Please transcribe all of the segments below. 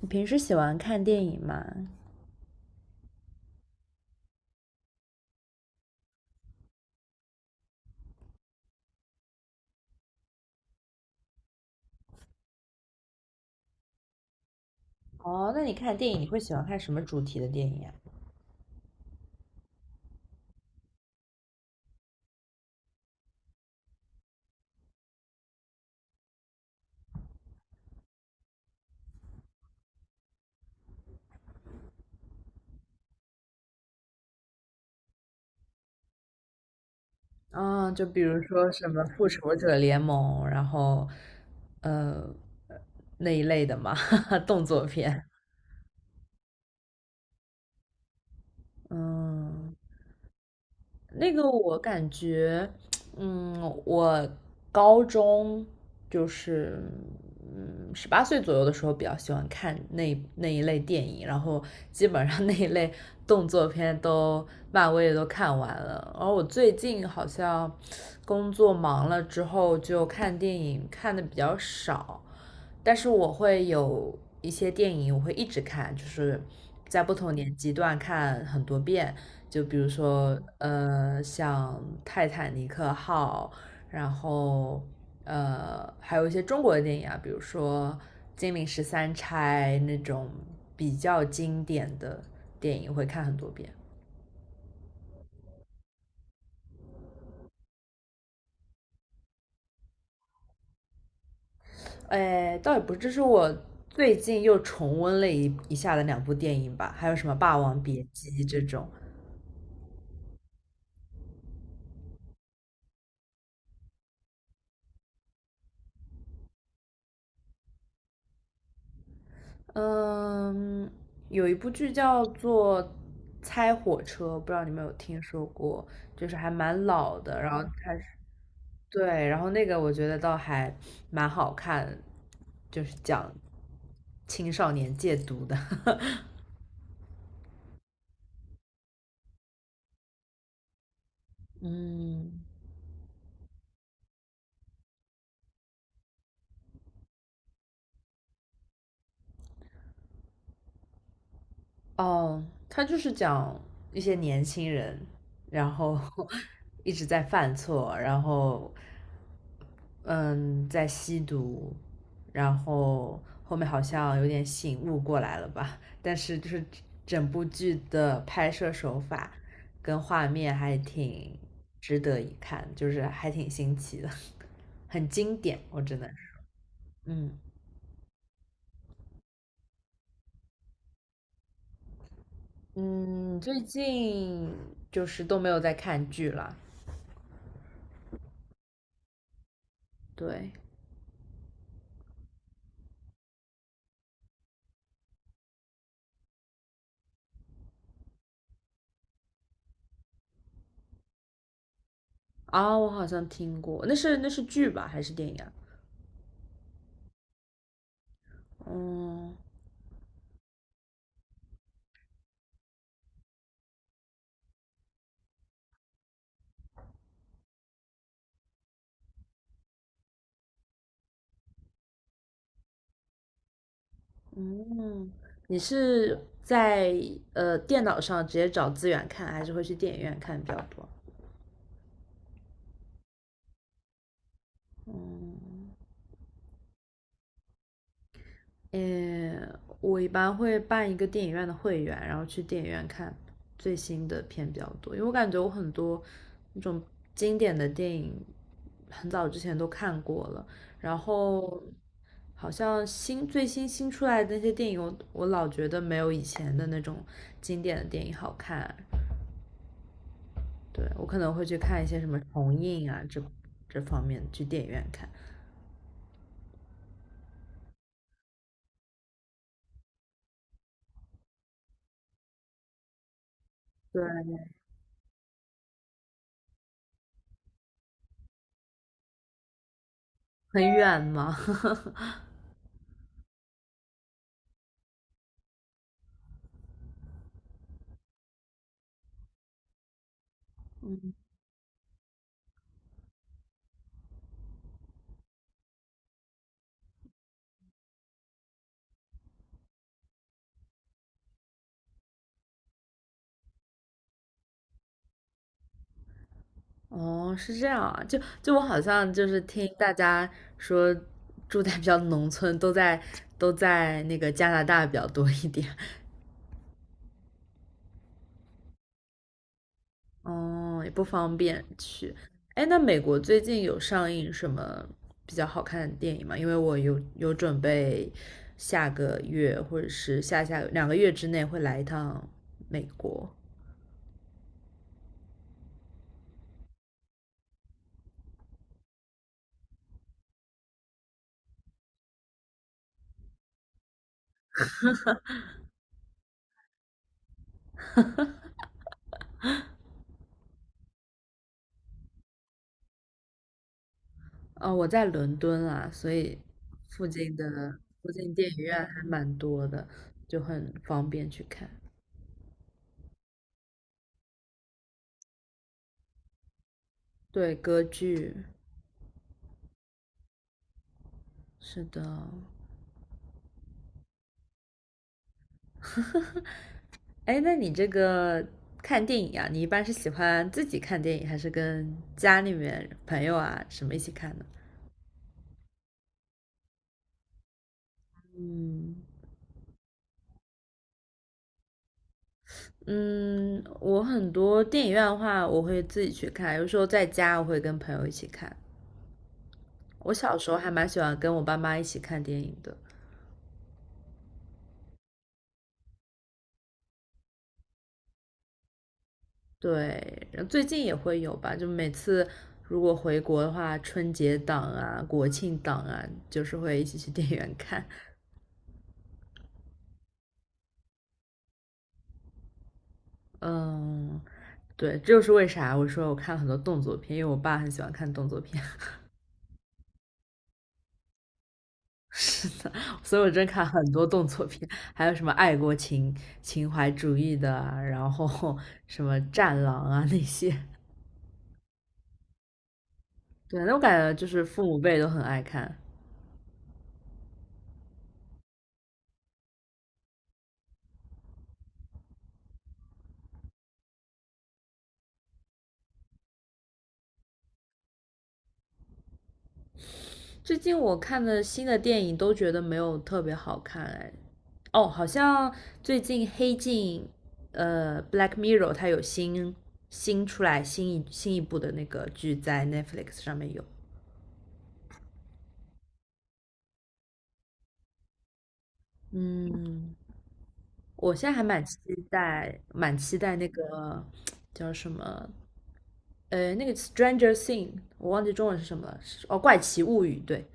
你平时喜欢看电影吗？哦，那你看电影你会喜欢看什么主题的电影呀？啊、就比如说什么《复仇者联盟》，然后，呃，那一类的嘛，动作片。嗯，那个我感觉，嗯，我高中就是18岁左右的时候比较喜欢看那一类电影，然后基本上那一类动作片都漫威的都看完了。而我最近好像工作忙了之后，就看电影看的比较少。但是我会有一些电影，我会一直看，就是在不同年纪段看很多遍。就比如说，像《泰坦尼克号》，然后还有一些中国的电影啊，比如说《金陵十三钗》那种比较经典的电影，会看很多遍。哎，倒也不是，这是我最近又重温了一下的两部电影吧，还有什么《霸王别姬》这种。嗯，有一部剧叫做《猜火车》，不知道你们有听说过，就是还蛮老的。然后嗯它是对，然后那个我觉得倒还蛮好看，就是讲青少年戒毒的。嗯，哦，他就是讲一些年轻人，然后 一直在犯错，然后嗯，在吸毒，然后后面好像有点醒悟过来了吧，但是就是整部剧的拍摄手法跟画面还挺值得一看，就是还挺新奇的，很经典，我只能说，嗯嗯，最近就是都没有在看剧了，对。啊，我好像听过，那是那是剧吧，还是电影啊？嗯嗯，你是在电脑上直接找资源看，还是会去电影院看比较多？嗯我一般会办一个电影院的会员，然后去电影院看最新的片比较多，因为我感觉我很多那种经典的电影很早之前都看过了，然后好像最新出来的那些电影我，我老觉得没有以前的那种经典的电影好看。对，我可能会去看一些什么重映啊这方面，去电影院看。对，很远嘛。哦，是这样啊，就我好像就是听大家说，住在比较农村，都在那个加拿大比较多一点，哦，也不方便去。哎，那美国最近有上映什么比较好看的电影吗？因为我有准备下个月或者是下下两个月之内会来一趟美国。哦，我在伦敦啊，所以附近的附近电影院还蛮多的，就很方便去看。对，歌剧，是的。哎，那你这个看电影啊，你一般是喜欢自己看电影，还是跟家里面朋友啊什么一起看呢？嗯，嗯，我很多电影院的话，我会自己去看，有时候在家我会跟朋友一起看。我小时候还蛮喜欢跟我爸妈一起看电影的，对，然后最近也会有吧，就每次如果回国的话，春节档啊、国庆档啊，就是会一起去电影院看。嗯，对，这就是为啥我说我看了很多动作片，因为我爸很喜欢看动作片，所以我真看很多动作片，还有什么爱国情怀主义的啊，然后 什么战狼啊那些。对，那我感觉就是父母辈都很爱看。最近我看的新的电影都觉得没有特别好看哎。哦，好像最近黑镜，《Black Mirror》它有新出来新一新一部的那个剧在 Netflix 上面有。嗯，我现在还蛮期待，蛮期待那个叫什么，那个《Stranger Thing》，我忘记中文是什么了，是哦，《怪奇物语》。对，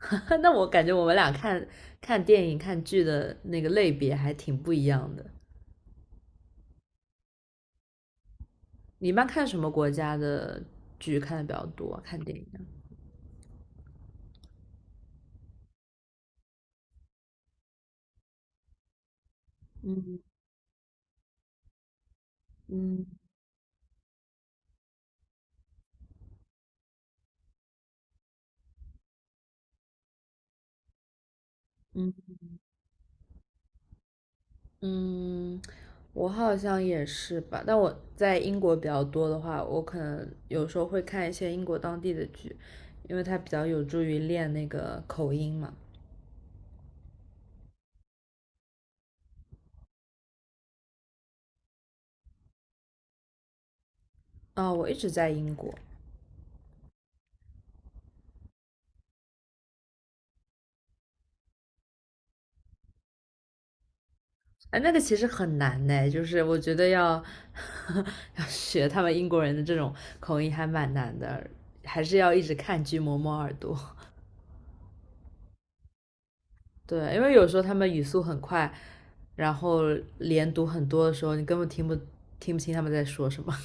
那我感觉我们俩看电影、看剧的那个类别还挺不一样的。你一般看什么国家的剧看的比较多啊看电影啊嗯嗯嗯嗯，我好像也是吧。但我在英国比较多的话，我可能有时候会看一些英国当地的剧，因为它比较有助于练那个口音嘛。啊、我一直在英国，哎，那个其实很难呢，就是我觉得要 要学他们英国人的这种口音还蛮难的，还是要一直看剧磨磨耳朵。对，因为有时候他们语速很快，然后连读很多的时候，你根本听不清他们在说什么。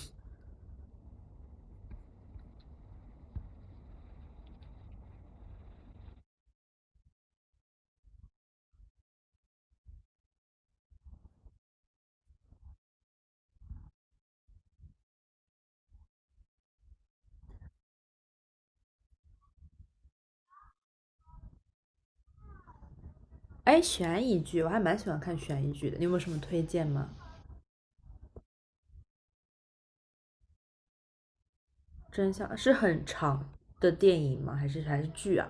哎，悬疑剧我还蛮喜欢看悬疑剧的，你有没有什么推荐吗？真相是很长的电影吗？还是剧啊？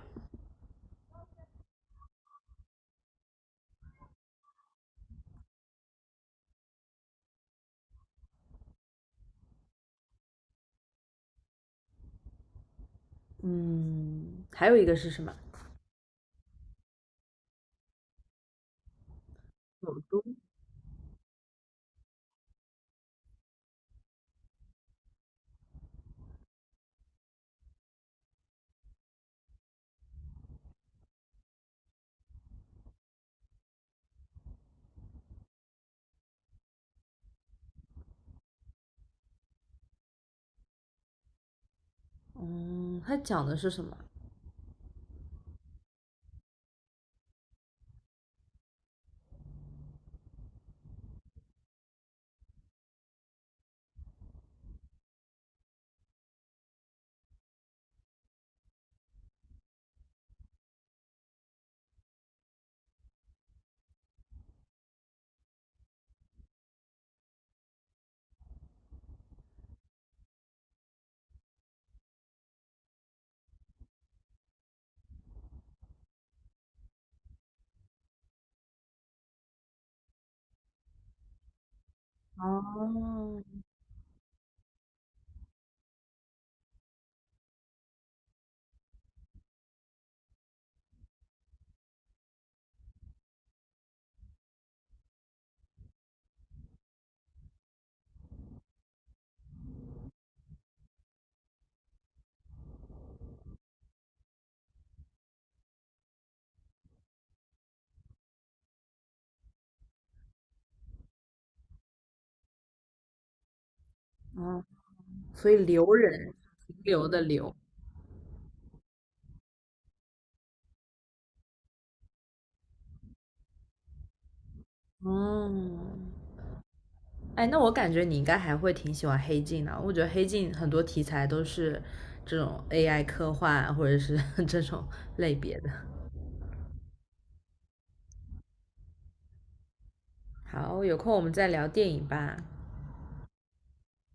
嗯，还有一个是什么？嗯，它讲的是什么？哦，哦，所以留人，停留的留。哦，哎，那我感觉你应该还会挺喜欢黑镜的。我觉得黑镜很多题材都是这种 AI 科幻啊或者是 这种类别的。好，有空我们再聊电影吧。